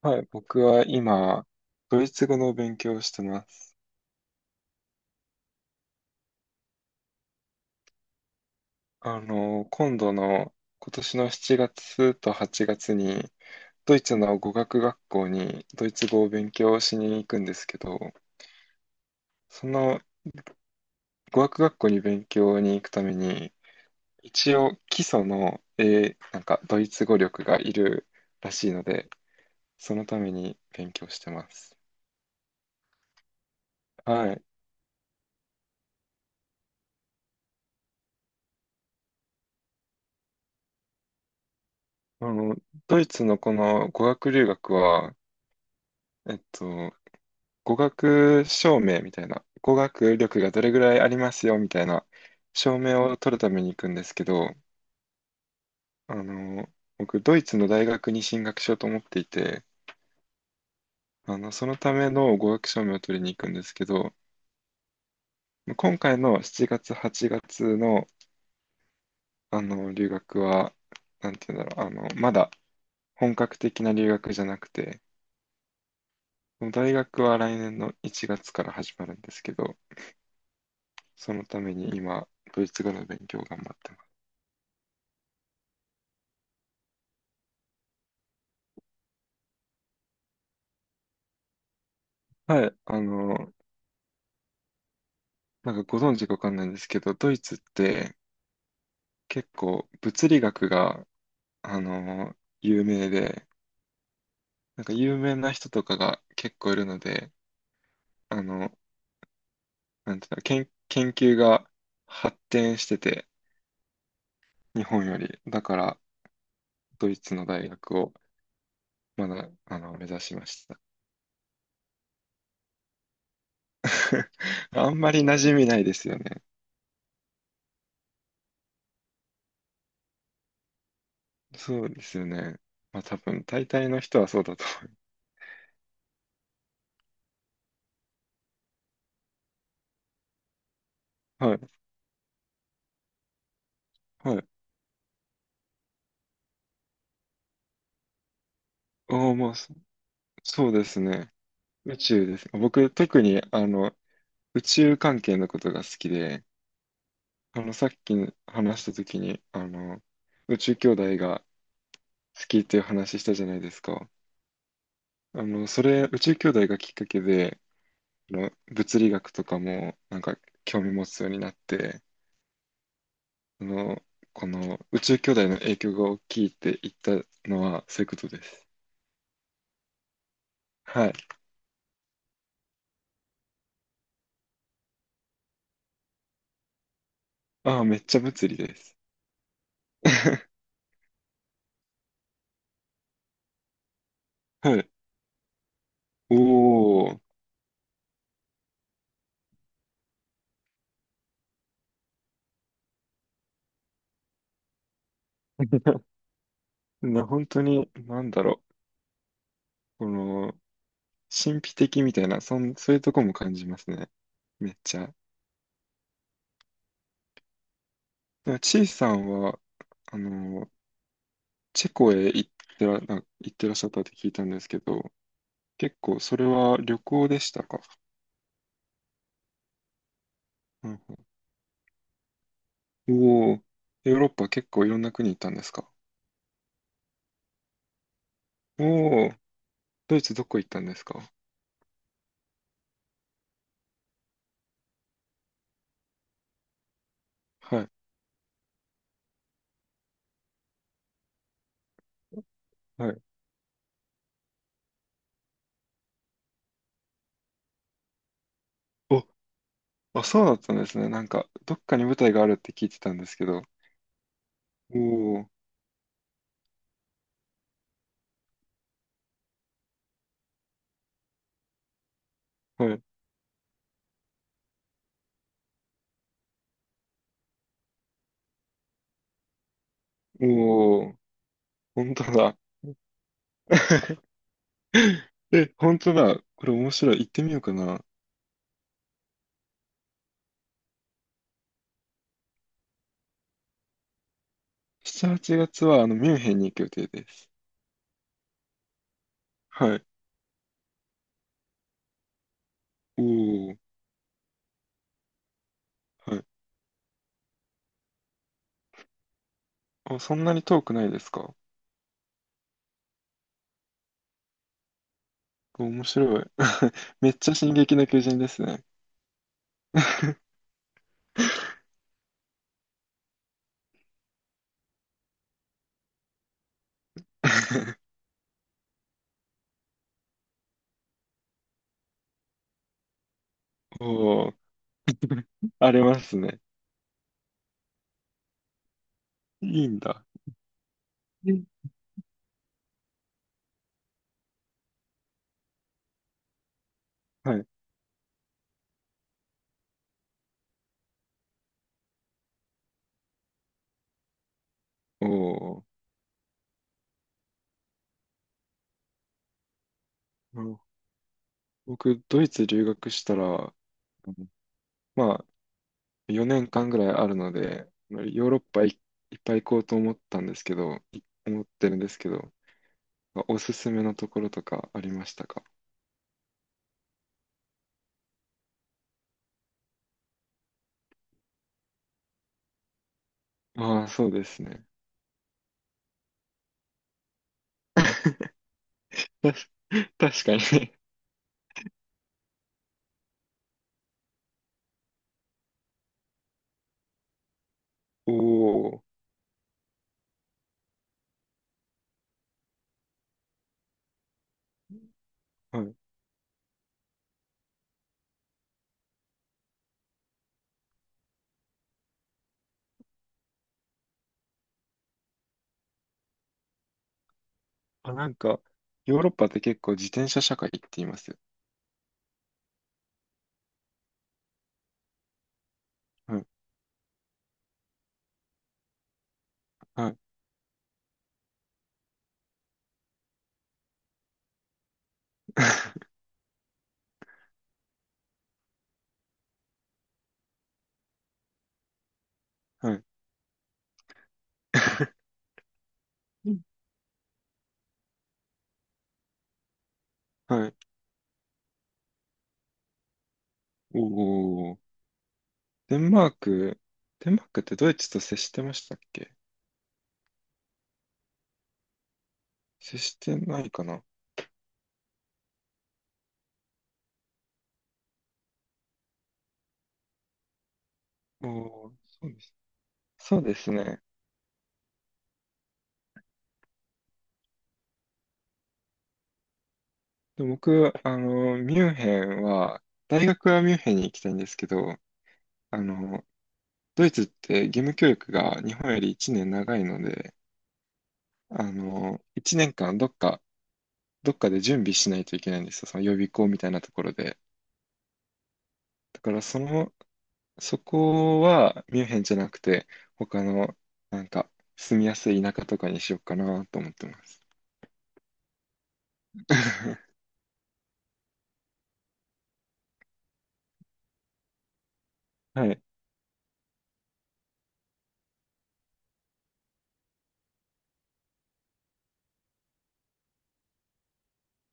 はい、僕は今、ドイツ語の勉強をしてます。今度の、今年の7月と8月に、ドイツの語学学校にドイツ語を勉強しに行くんですけど、その語学学校に勉強に行くために、一応基礎の、なんかドイツ語力がいるらしいので、そのために勉強してます。はい。あの、ドイツのこの語学留学は、えっと、語学証明みたいな、語学力がどれぐらいありますよみたいな証明を取るために行くんですけど、あの、僕、ドイツの大学に進学しようと思っていて、そのための語学証明を取りに行くんですけど、今回の7月、8月の、留学は、なんていうんだろう、まだ本格的な留学じゃなくて、大学は来年の1月から始まるんですけど、そのために今、ドイツ語の勉強を頑張ってます。はい、なんかご存知かわかんないんですけど、ドイツって結構物理学が、あの有名で、なんか有名な人とかが結構いるので、あの、なんていうの、研究が発展してて、日本より。だから、ドイツの大学をまだ、目指しました。あんまり馴染みないですよね。そうですよね。まあ多分、大体の人はそうだと思う。はい。はい。ああ、まあ、そうですね。宇宙です。僕、特に、宇宙関係のことが好きで、さっき話した時に、宇宙兄弟が好きっていう話したじゃないですか。それ、宇宙兄弟がきっかけで、物理学とかも、なんか、興味持つようになって、あの、この宇宙兄弟の影響が大きいって言ったのは、そういうことです。はい。ああ、めっちゃ物理です。はい。おー。本当に、なんだろう。この、神秘的みたいな、そういうとこも感じますね。めっちゃ。でもチーさんは、あの、チェコへ行ってらっしゃったって聞いたんですけど、結構それは旅行でしたか？うん、うん。おおー、ヨーロッパ結構いろんな国行ったんですか？おおー、ドイツどこ行ったんですか？はい、はい。お、あ、そうだったんですね。なんか、どっかに舞台があるって聞いてたんですけど。おお、はい。おお、本当だ。え、本当だ。これ面白い。行ってみようかな。7、8月は、ミュンヘンに行く予定です。はい。おお。はい。あ、そんなに遠くないですか？面白い。めっちゃ進撃の巨人ですね。おお。ありますね。いいんだ。うん。はい。おお。あの僕、ドイツ留学したら、うん。まあ、4年間ぐらいあるので、ヨーロッパいっぱい行こうと思ったんですけど、思ってるんですけど、おすすめのところとかありましたか？ああー、そうですね。たし確かにね。おお。はい。あ、なんか、ヨーロッパって結構自転車社会って言いますよ。はい。はい。はい。うん。はい。おお。デンマーク、デンマークってドイツと接してましたっけ？接してないかな。おおー、そうです。そうですね。で、僕、ミュンヘンは、大学はミュンヘンに行きたいんですけど、あの、ドイツって義務教育が日本より1年長いので、1年間どっかで準備しないといけないんですよ。その予備校みたいなところで。だからその、そこはミュンヘンじゃなくて、他の、なんか、住みやすい田舎とかにしようかなと思ってます。はい、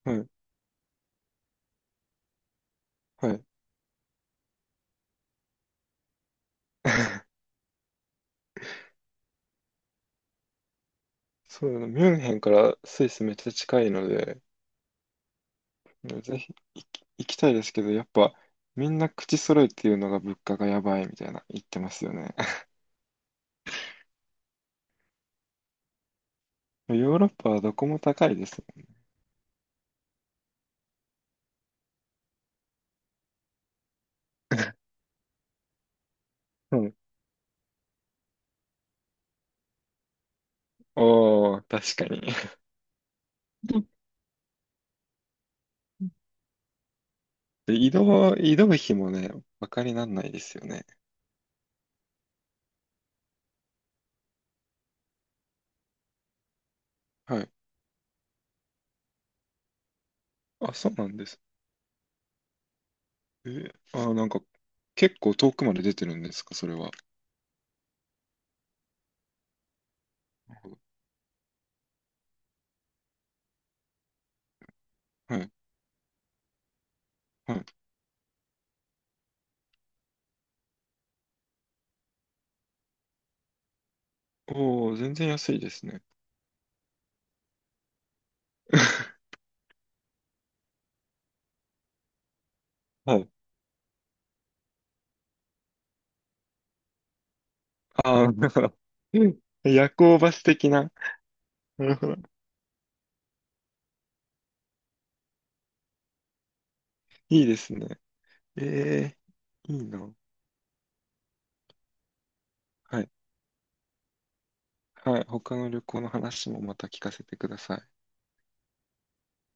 はい、はい。そうだな、ミュンヘンからスイスめっちゃ近いので、ぜひ行きたいですけど、やっぱみんな口揃えて言うのが物価がやばいみたいな言ってますよね。ヨーロッパはどこも高いです。うん。おー、確かに。で、移動費もね、バカになんないですよね。はい。あ、そうなんです。え、あ、なんか、結構遠くまで出てるんですか、それは。はい。はい。おー、全然安いですね。はい。だから、うん。夜行バス的な。なるほど。いいですね。えいいな。はい。はい。他の旅行の話もまた聞かせてください。